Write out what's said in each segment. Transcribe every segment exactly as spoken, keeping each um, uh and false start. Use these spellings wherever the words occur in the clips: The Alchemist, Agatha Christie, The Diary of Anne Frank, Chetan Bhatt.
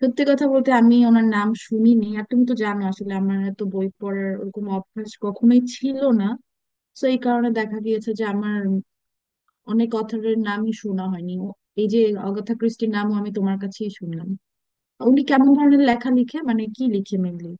সত্যি কথা বলতে আমি ওনার নাম শুনিনি। আর তুমি তো জানো, আসলে আমার তো বই পড়ার ওরকম অভ্যাস কখনোই ছিল না। তো এই কারণে দেখা গিয়েছে যে আমার অনেক অথরের নামই শোনা হয়নি। ও- এই যে অগাথা ক্রিস্টির নামও আমি তোমার কাছেই শুনলাম। উনি কেমন ধরনের লেখা লিখে, মানে কি লিখে মেনলি?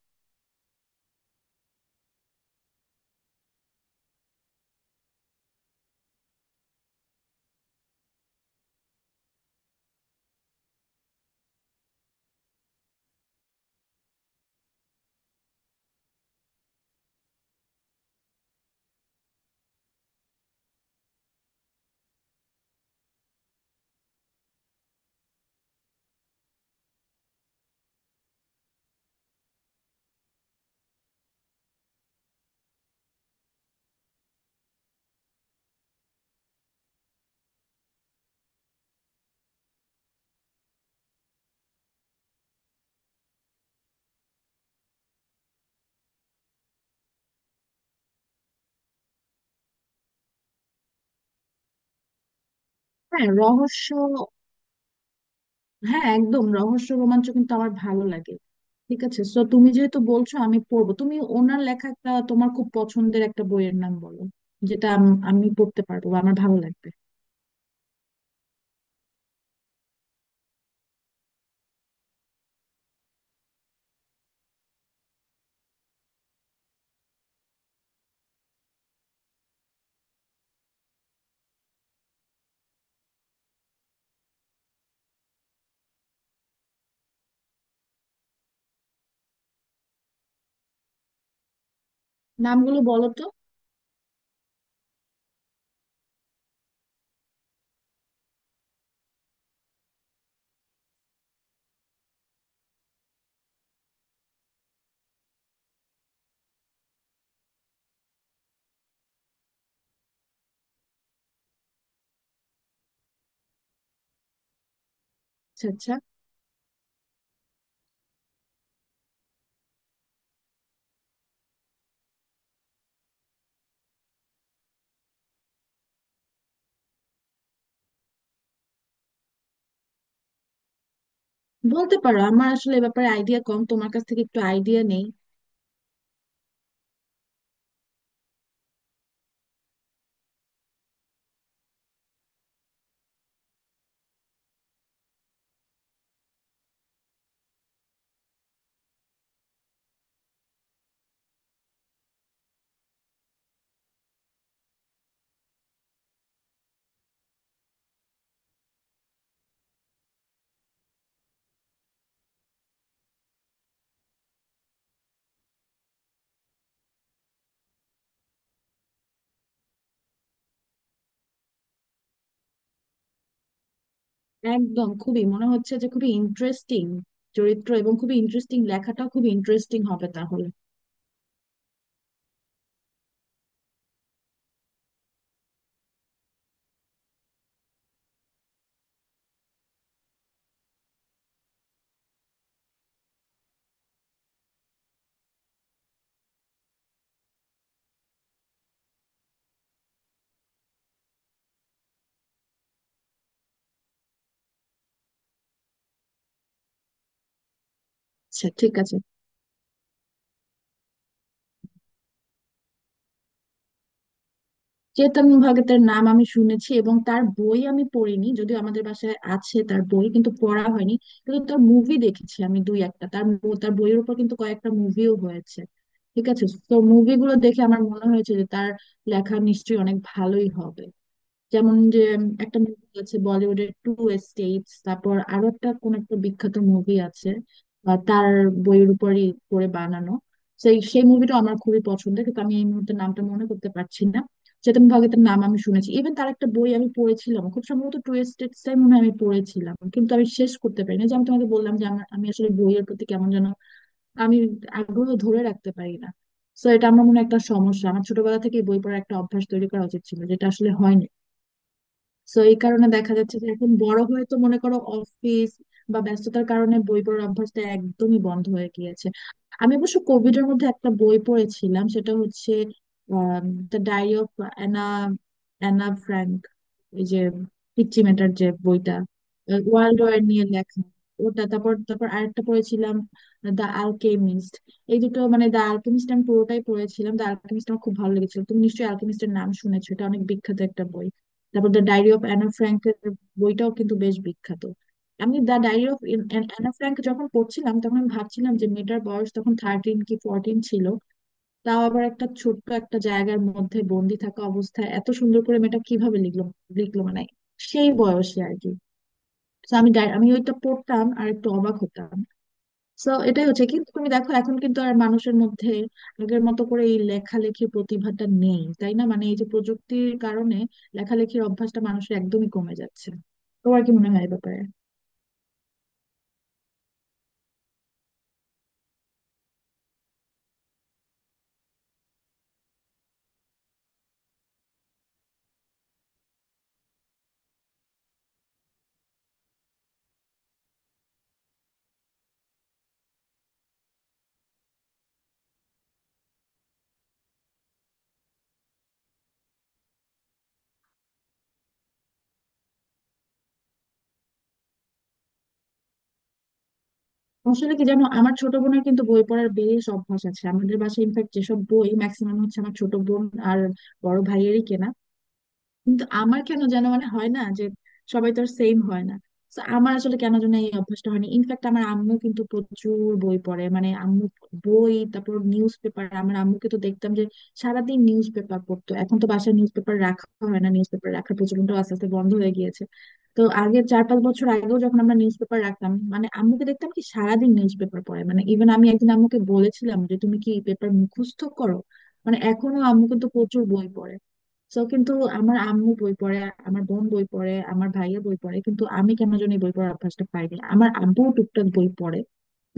হ্যাঁ রহস্য। হ্যাঁ একদম রহস্য রোমাঞ্চ কিন্তু আমার ভালো লাগে। ঠিক আছে, তো তুমি যেহেতু বলছো আমি পড়বো, তুমি ওনার লেখা একটা তোমার খুব পছন্দের একটা বইয়ের নাম বলো, যেটা আম- আমি পড়তে পারবো বা আমার ভালো লাগবে। নামগুলো বলো তো। আচ্ছা আচ্ছা, বলতে পারো, আমার আসলে এ ব্যাপারে আইডিয়া কম, তোমার কাছ থেকে একটু আইডিয়া নেই। একদম, খুবই মনে হচ্ছে যে খুবই ইন্টারেস্টিং চরিত্র, এবং খুবই ইন্টারেস্টিং, লেখাটাও খুবই ইন্টারেস্টিং হবে তাহলে। আচ্ছা ঠিক আছে। চেতন ভগতের নাম আমি শুনেছি, এবং তার বই আমি পড়িনি, যদিও আমাদের বাসায় আছে তার বই, কিন্তু পড়া হয়নি। কিন্তু তার মুভি দেখেছি আমি দুই একটা। তার মু- তার বইয়ের উপর কিন্তু কয়েকটা মুভিও হয়েছে, ঠিক আছে। তো মুভিগুলো দেখে আমার মনে হয়েছে যে তার লেখা নিশ্চয়ই অনেক ভালোই হবে। যেমন যে, একটা মুভি আছে বলিউডের টু এস্টেটস, তারপর আরো একটা কোন একটা বিখ্যাত মুভি আছে, আহ, তার বইয়ের উপরই করে বানানো। সেই সেই মুভিটা আমার খুবই পছন্দের, কিন্তু আমি এই মুহূর্তে নামটা মনে করতে পারছি না। চেতন ভগতের নাম আমি শুনেছি, ইভেন তার একটা বই আমি পড়েছিলাম, খুব সম্ভবত টু এস্টেটস টাই মনে হয় আমি পড়েছিলাম, কিন্তু আমি শেষ করতে পারিনি। যে আমি তোমাকে বললাম যে আমার, আমি আসলে বইয়ের প্রতি কেমন যেন আমি আগ্রহ ধরে রাখতে পারি না। তো এটা আমার মনে হয় একটা সমস্যা, আমার ছোটবেলা থেকে বই পড়ার একটা অভ্যাস তৈরি করা উচিত ছিল, যেটা আসলে হয়নি। সো এই কারণে দেখা যাচ্ছে যে এখন বড় হয়ে তো মনে করো অফিস বা ব্যস্ততার কারণে বই পড়ার অভ্যাসটা একদমই বন্ধ হয়ে গিয়েছে। আমি অবশ্য কোভিড এর মধ্যে একটা বই পড়েছিলাম, সেটা হচ্ছে the diary of Anna Anna Frank, ওই যে পিচ্চি ম্যাটার যে বইটা, ওয়ার্ল্ড ওয়ার নিয়ে লেখা। ওটা, তারপর তারপর আরেকটা পড়েছিলাম দা আলকেমিস্ট। এই দুটো, মানে দা আলকেমিস্ট আমি পুরোটাই পড়েছিলাম, দা আলকেমিস্ট আমার খুব ভালো লেগেছিল। তুমি নিশ্চয়ই আলকেমিস্টের নাম শুনেছো, এটা অনেক বিখ্যাত একটা বই। তারপর the diary of Anna Frank বইটাও কিন্তু বেশ বিখ্যাত। আমি the diary of Anna Frank যখন পড়ছিলাম, তখন আমি ভাবছিলাম যে মেয়েটার বয়স তখন থার্টিন কি ফোরটিন ছিল। তাও আবার একটা ছোট্ট একটা জায়গার মধ্যে বন্দি থাকা অবস্থায় এত সুন্দর করে মেয়েটা কিভাবে লিখলো, লিখলো মানে সেই বয়সে আর কি। তো আমি ডায়- আমি ওইটা পড়তাম আর একটু অবাক হতাম। তো এটাই হচ্ছে, কিন্তু তুমি দেখো এখন কিন্তু আর মানুষের মধ্যে আগের মতো করে এই লেখালেখির প্রতিভাটা নেই, তাই না? মানে এই যে প্রযুক্তির কারণে লেখালেখির অভ্যাসটা মানুষের একদমই কমে যাচ্ছে। তোমার কি মনে হয় এ ব্যাপারে? আসলে কি জানো, আমার ছোট বোনের কিন্তু বই পড়ার বেশ অভ্যাস আছে, আমাদের বাসায় ইনফ্যাক্ট যেসব বই ম্যাক্সিমাম হচ্ছে আমার ছোট বোন আর বড় ভাইয়েরই কেনা। কিন্তু আমার কেন যেন মানে হয় না যে সবাই তো আর সেম হয় না। তো আমার আসলে কেন যেন এই অভ্যাসটা হয়নি। ইনফ্যাক্ট আমার আম্মু কিন্তু প্রচুর বই পড়ে, মানে আম্মু বই, তারপর নিউজ পেপার, আমার আম্মুকে তো দেখতাম যে সারাদিন নিউজ পেপার পড়তো। এখন তো বাসায় নিউজ পেপার রাখা হয় না, নিউজ পেপার রাখার প্রচলনটা আস্তে আস্তে বন্ধ হয়ে গিয়েছে। তো আগে, চার পাঁচ বছর আগেও যখন আমরা নিউজ পেপার রাখতাম, মানে আম্মুকে দেখতাম কি সারাদিন নিউজ পেপার পড়ে, মানে ইভেন আমি একদিন আম্মুকে বলেছিলাম যে তুমি কি পেপার মুখস্থ করো। মানে এখনো আম্মু কিন্তু প্রচুর বই পড়ে। তো কিন্তু আমার আম্মু বই পড়ে, আমার বোন বই পড়ে, আমার ভাইয়া বই পড়ে, কিন্তু আমি কেন জানি এই বই পড়ার অভ্যাসটা পাইনি। আমার আব্বু টুকটাক বই পড়ে,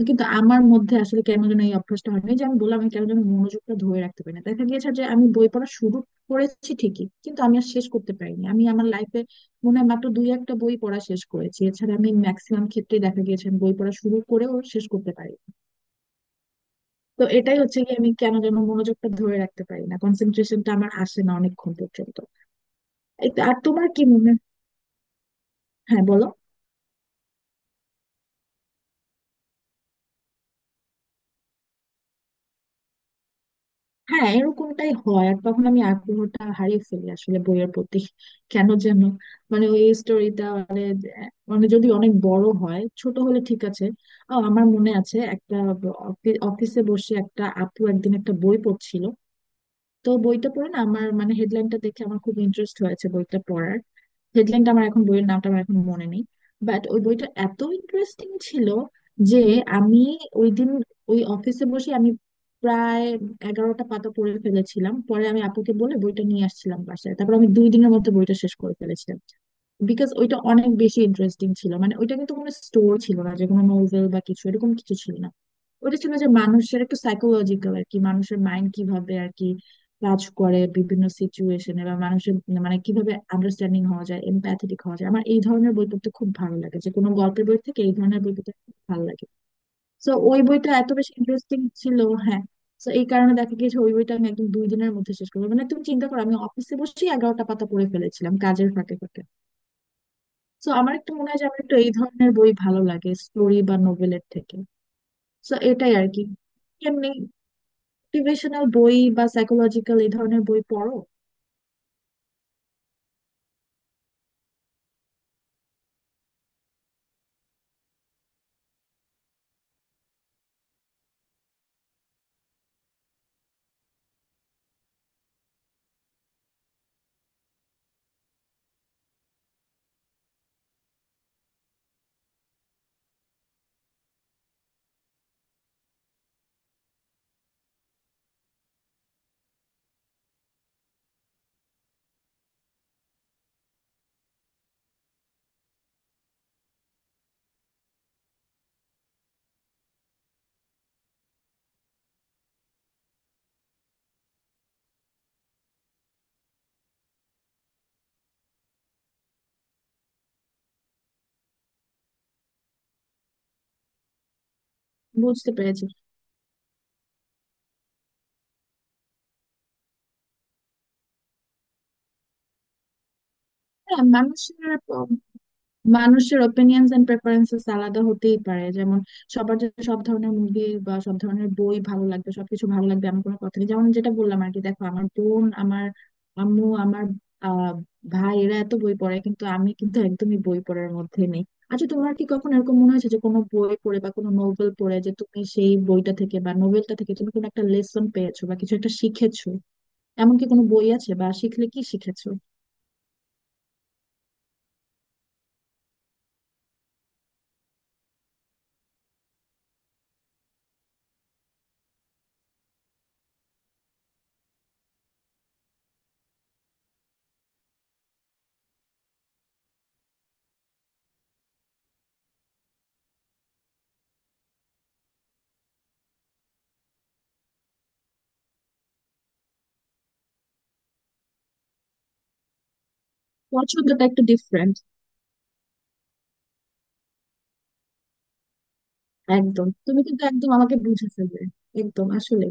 কিন্তু আমার মধ্যে আসলে কেন যেন এই অভ্যাসটা হয়নি। যে আমি বললাম, আমি কেন যেন মনোযোগটা ধরে রাখতে পারি না, দেখা গিয়েছে যে আমি বই পড়া শুরু করেছি ঠিকই কিন্তু আমি আর শেষ করতে পারিনি। আমি আমার লাইফে মনে হয় মাত্র দুই একটা বই পড়া শেষ করেছি, এছাড়া আমি ম্যাক্সিমাম ক্ষেত্রে দেখা গিয়েছে আমি বই পড়া শুরু করেও শেষ করতে পারি। তো এটাই হচ্ছে কি, আমি কেন যেন মনোযোগটা ধরে রাখতে পারি না, কনসেন্ট্রেশনটা আমার আসে না অনেকক্ষণ পর্যন্ত। এই তো, আর তোমার কি মনে, হ্যাঁ বলো। হ্যাঁ এরকমটাই হয়, আর তখন আমি আগ্রহটা হারিয়ে ফেলি আসলে বইয়ের প্রতি, কেন যেন। মানে ওই স্টোরিটা মানে, আহ, মানে যদি অনেক বড় হয়, ছোট হলে ঠিক আছে। ও আমার মনে আছে একটা, অফি- অফিসে বসে একটা আপু একদিন একটা বই পড়ছিল, তো বইটা পড়ে না, আমার মানে হেডলাইনটা দেখে আমার খুব ইন্টারেস্ট হয়েছে বইটা পড়ার, হেডলাইনটা আমার এখন, বইয়ের নামটা আমার এখন মনে নেই। বাট ওই বইটা এত ইন্টারেস্টিং ছিল যে আমি ওই দিন ওই অফিসে বসে আমি প্রায় এগারোটা পাতা পড়ে ফেলেছিলাম। পরে আমি আপুকে বলে বইটা নিয়ে আসছিলাম বাসায়, তারপর আমি দুই দিনের মধ্যে বইটা শেষ করে ফেলেছিলাম। বিকজ ওইটা অনেক বেশি ইন্টারেস্টিং ছিল। মানে ওইটা কিন্তু কোনো স্টোর ছিল না, যে কোনো নোভেল বা কিছু এরকম কিছু ছিল না। ওটা ছিল যে মানুষের একটু সাইকোলজিক্যাল আর কি, মানুষের মাইন্ড কিভাবে আর কি কাজ করে বিভিন্ন সিচুয়েশনে বা মানুষের, মানে কিভাবে আন্ডারস্ট্যান্ডিং হওয়া যায়, এমপ্যাথেটিক হওয়া যায়। আমার এই ধরনের বই পড়তে খুব ভালো লাগে, যে কোনো গল্পের বই থেকে এই ধরনের বই পড়তে খুব ভালো লাগে। তো ওই বইটা এত বেশি ইন্টারেস্টিং ছিল, হ্যাঁ। তো এই কারণে দেখা গিয়েছে ওই বইটা আমি একদম দুই দিনের মধ্যে শেষ করবো, মানে তুমি চিন্তা করো আমি অফিসে বসেই এগারোটা পাতা পড়ে ফেলেছিলাম কাজের ফাঁকে ফাঁকে। তো আমার একটু মনে হয় যে আমার একটু এই ধরনের বই ভালো লাগে, স্টোরি বা নোভেলের থেকে। তো এটাই আর কি, এমনি মোটিভেশনাল বই বা সাইকোলজিক্যাল এই ধরনের বই পড়ো। বুঝতে পেরেছি। হ্যাঁ মানুষের প- মানুষের ওপিনিয়নস এন্ড প্রেফারেন্সেস আলাদা হতেই পারে। যেমন সবার যে সব ধরনের মুভি বা সব ধরনের বই ভালো লাগবে, সবকিছু ভালো লাগবে, এমন কোনো কথা নেই। যেমন যেটা বললাম আর কি, দেখো আমার বোন, আমার আম্মু, আমার আহ ভাই এরা এত বই পড়ে কিন্তু আমি কিন্তু একদমই বই পড়ার মধ্যে নেই। আচ্ছা তোমার কি কখনো এরকম মনে হয়েছে, যে কোনো বই পড়ে বা কোনো নোবেল পড়ে, যে তুমি সেই বইটা থেকে বা নোবেলটা থেকে তুমি কোনো একটা লেসন পেয়েছো বা কিছু একটা শিখেছো? এমন কি কোনো বই আছে, বা শিখলে কি শিখেছো? পছন্দটা একটু ডিফারেন্ট। একদম, তুমি কিন্তু একদম আমাকে বুঝে ফেলবে। একদম আসলে।